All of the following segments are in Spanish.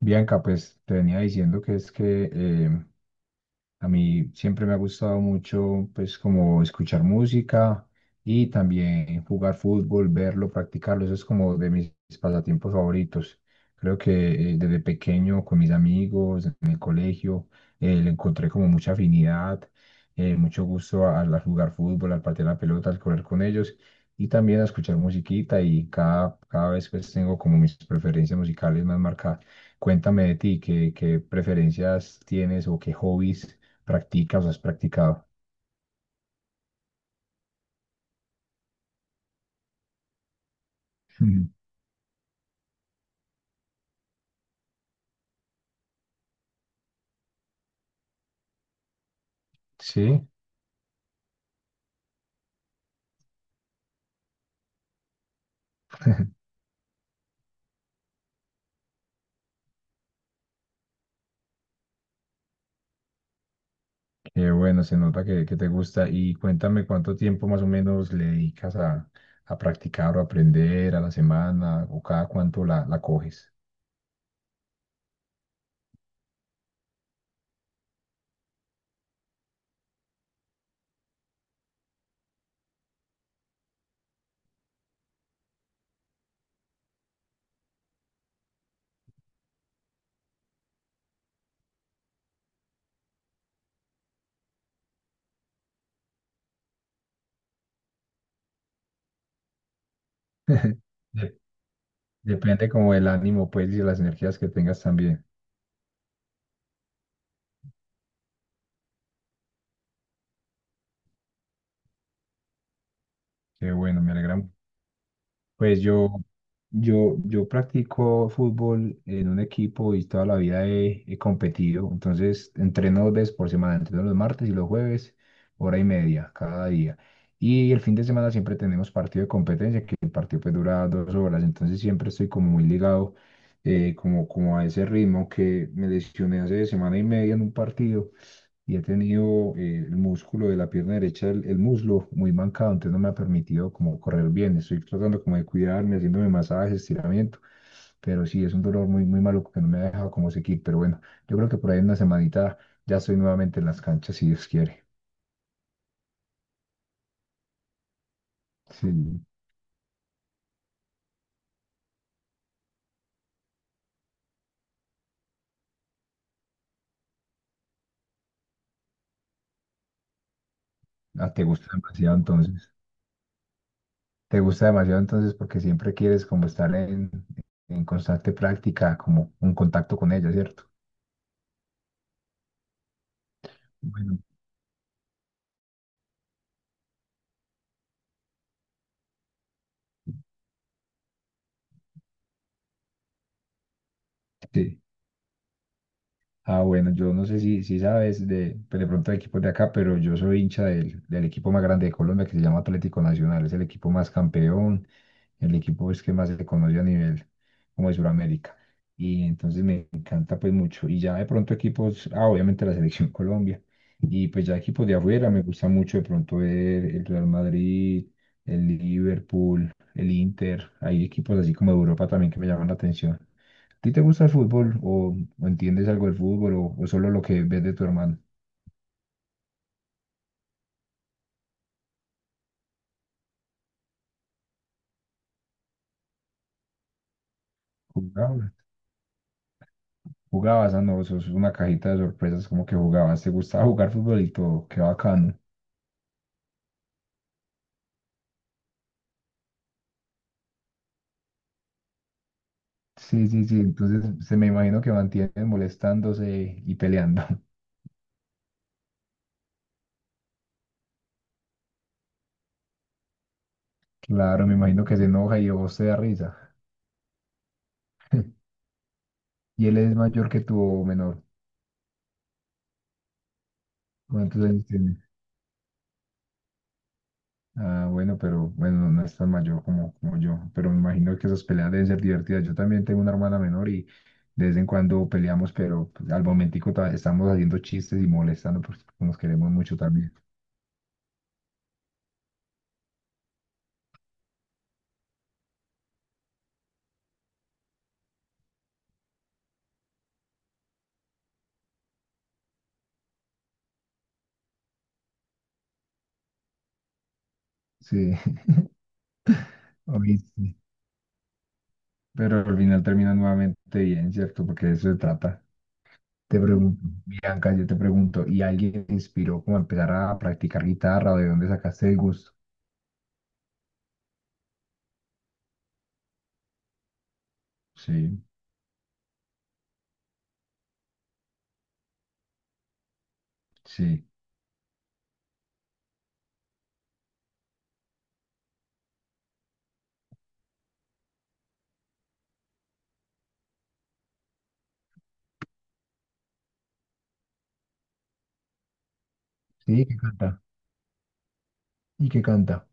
Bianca, pues te venía diciendo que es que a mí siempre me ha gustado mucho, pues como escuchar música y también jugar fútbol, verlo, practicarlo. Eso es como de mis pasatiempos favoritos. Creo que desde pequeño con mis amigos en el colegio le encontré como mucha afinidad, mucho gusto al jugar fútbol, al patear la pelota, al correr con ellos y también a escuchar musiquita y cada vez pues tengo como mis preferencias musicales más marcadas. Cuéntame de ti, ¿qué preferencias tienes o qué hobbies practicas o has practicado? Ujú. Sí, qué bueno, se nota que te gusta. Y cuéntame cuánto tiempo más o menos le dedicas a practicar o aprender a la semana o cada cuánto la coges. De- depende como del ánimo, pues, y de las energías que tengas también. Qué bueno, me alegra mucho. Pues yo practico fútbol en un equipo y toda la vida he competido. Entonces, entreno dos veces por semana, entreno los martes y los jueves, hora y media cada día. Y el fin de semana siempre tenemos partido de competencia, que el partido pues dura dos horas. Entonces, siempre estoy como muy ligado, como a ese ritmo que me lesioné hace semana y media en un partido y he tenido el músculo de la pierna derecha, el muslo muy mancado, entonces no me ha permitido como correr bien. Estoy tratando como de cuidarme, haciéndome masajes, estiramiento, pero sí, es un dolor muy malo que no me ha dejado como seguir. Pero bueno, yo creo que por ahí en una semanita ya estoy nuevamente en las canchas, si Dios quiere. Sí, ah, te gusta demasiado entonces. Te gusta demasiado entonces porque siempre quieres como estar en constante práctica, como un contacto con ella, ¿cierto? Bueno, sí. Ah, bueno, yo no sé si sabes de, pues de pronto de equipos de acá, pero yo soy hincha del equipo más grande de Colombia que se llama Atlético Nacional. Es el equipo más campeón, el equipo es que más se conoce a nivel como de Sudamérica. Y entonces me encanta pues mucho. Y ya de pronto equipos, ah, obviamente la selección Colombia. Y pues ya equipos de afuera, me gusta mucho de pronto ver el Real Madrid, el Liverpool, el Inter. Hay equipos así como de Europa también que me llaman la atención. ¿A ti te gusta el fútbol o entiendes algo del fútbol o solo lo que ves de tu hermano? ¿Jugabas? ¿Jugabas? Ah, no, sos una cajita de sorpresas como que jugabas. ¿Te gustaba jugar fútbol y todo? Qué bacano. Sí, sí, sí. Entonces se me imagino que mantienen molestándose y peleando. Claro, me imagino que se enoja y a vos te da risa. ¿Y él es mayor que tú o menor? ¿Cuántos años tiene? Ah, bueno, pero bueno, no es tan mayor como yo, pero me imagino que esas peleas deben ser divertidas. Yo también tengo una hermana menor y de vez en cuando peleamos, pero pues, al momentico estamos haciendo chistes y molestando porque nos queremos mucho también. Sí, oye, sí. Pero al final termina nuevamente bien, ¿cierto? Porque de eso se trata. Te pregunto, Bianca, yo te pregunto, ¿y alguien te inspiró como a empezar a practicar guitarra o de dónde sacaste el gusto? Sí, sí. Sí, que canta. ¿Y que canta?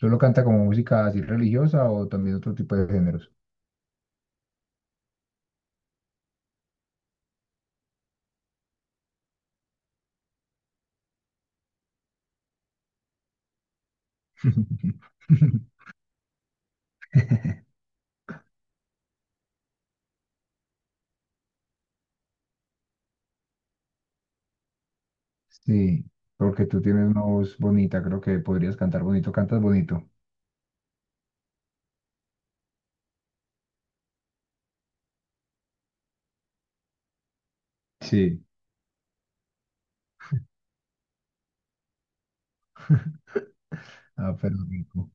¿Solo canta como música así religiosa o también otro tipo de géneros? Sí, porque tú tienes una voz bonita, creo que podrías cantar bonito, cantas bonito. Sí. Ah, pero rico.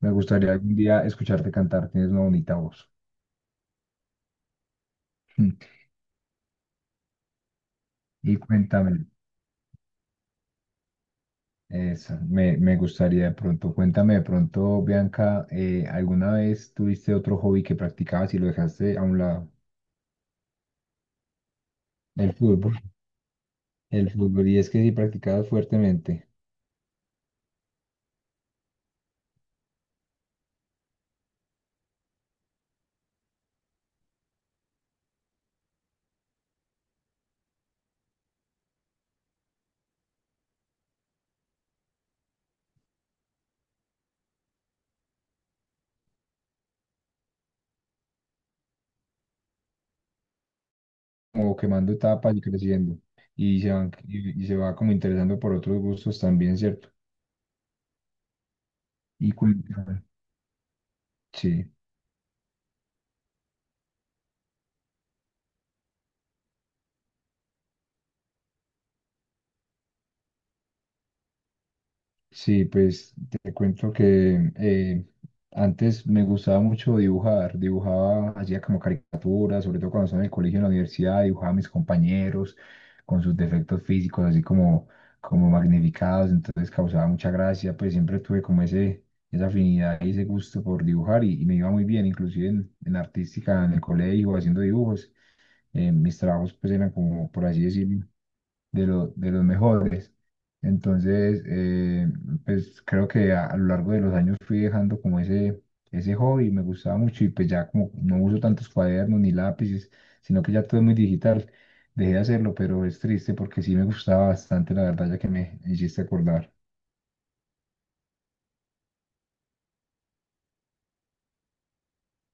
Me gustaría algún día escucharte cantar, tienes una bonita voz. Mm. Y cuéntame, eso, me gustaría de pronto, cuéntame de pronto, Bianca, ¿alguna vez tuviste otro hobby que practicabas y lo dejaste a un lado? El fútbol. El fútbol, y es que sí practicabas fuertemente. Como quemando etapas y creciendo. Y se van, y se va como interesando por otros gustos también, ¿cierto? Y cuéntame, sí. Sí, pues te cuento que antes me gustaba mucho dibujar, dibujaba, hacía como caricaturas, sobre todo cuando estaba en el colegio, en la universidad, dibujaba a mis compañeros con sus defectos físicos, así como, como magnificados, entonces causaba mucha gracia, pues siempre tuve como esa afinidad y ese gusto por dibujar y me iba muy bien, inclusive en artística, en el colegio, haciendo dibujos mis trabajos pues eran como, por así decirlo, de los mejores. Entonces, pues creo que a lo largo de los años fui dejando como ese hobby, me gustaba mucho y pues ya como no uso tantos cuadernos ni lápices, sino que ya todo es muy digital, dejé de hacerlo, pero es triste porque sí me gustaba bastante, la verdad, ya que me hiciste acordar.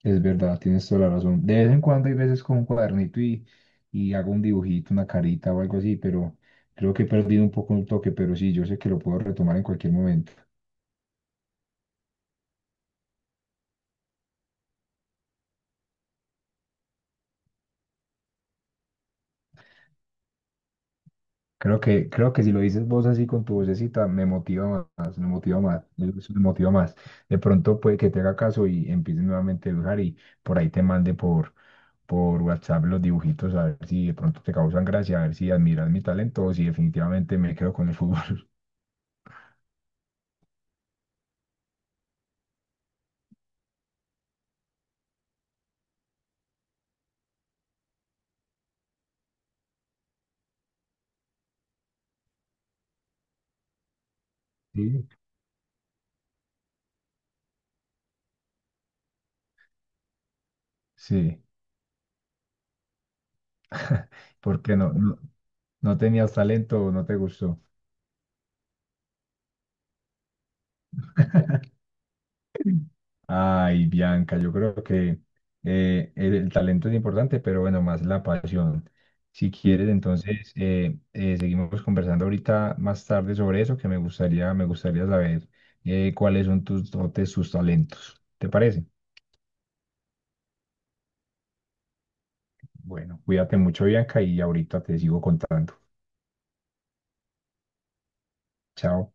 Es verdad, tienes toda la razón. De vez en cuando hay veces con un cuadernito y hago un dibujito, una carita o algo así, pero creo que he perdido un poco un toque, pero sí, yo sé que lo puedo retomar en cualquier momento. Creo que si lo dices vos así con tu vocecita, eso me motiva más. De pronto puede que te haga caso y empieces nuevamente a dibujar y por ahí te mande por WhatsApp los dibujitos a ver si de pronto te causan gracia, a ver si admiras mi talento o si definitivamente me quedo con el fútbol. Sí. Sí. Porque no tenías talento o no te gustó. Ay, Bianca, yo creo que el talento es importante, pero bueno, más la pasión. Si quieres, entonces seguimos conversando ahorita más tarde sobre eso, que me gustaría saber cuáles son tus dotes, tus talentos. ¿Te parece? Bueno, cuídate mucho, Bianca, y ahorita te sigo contando. Chao.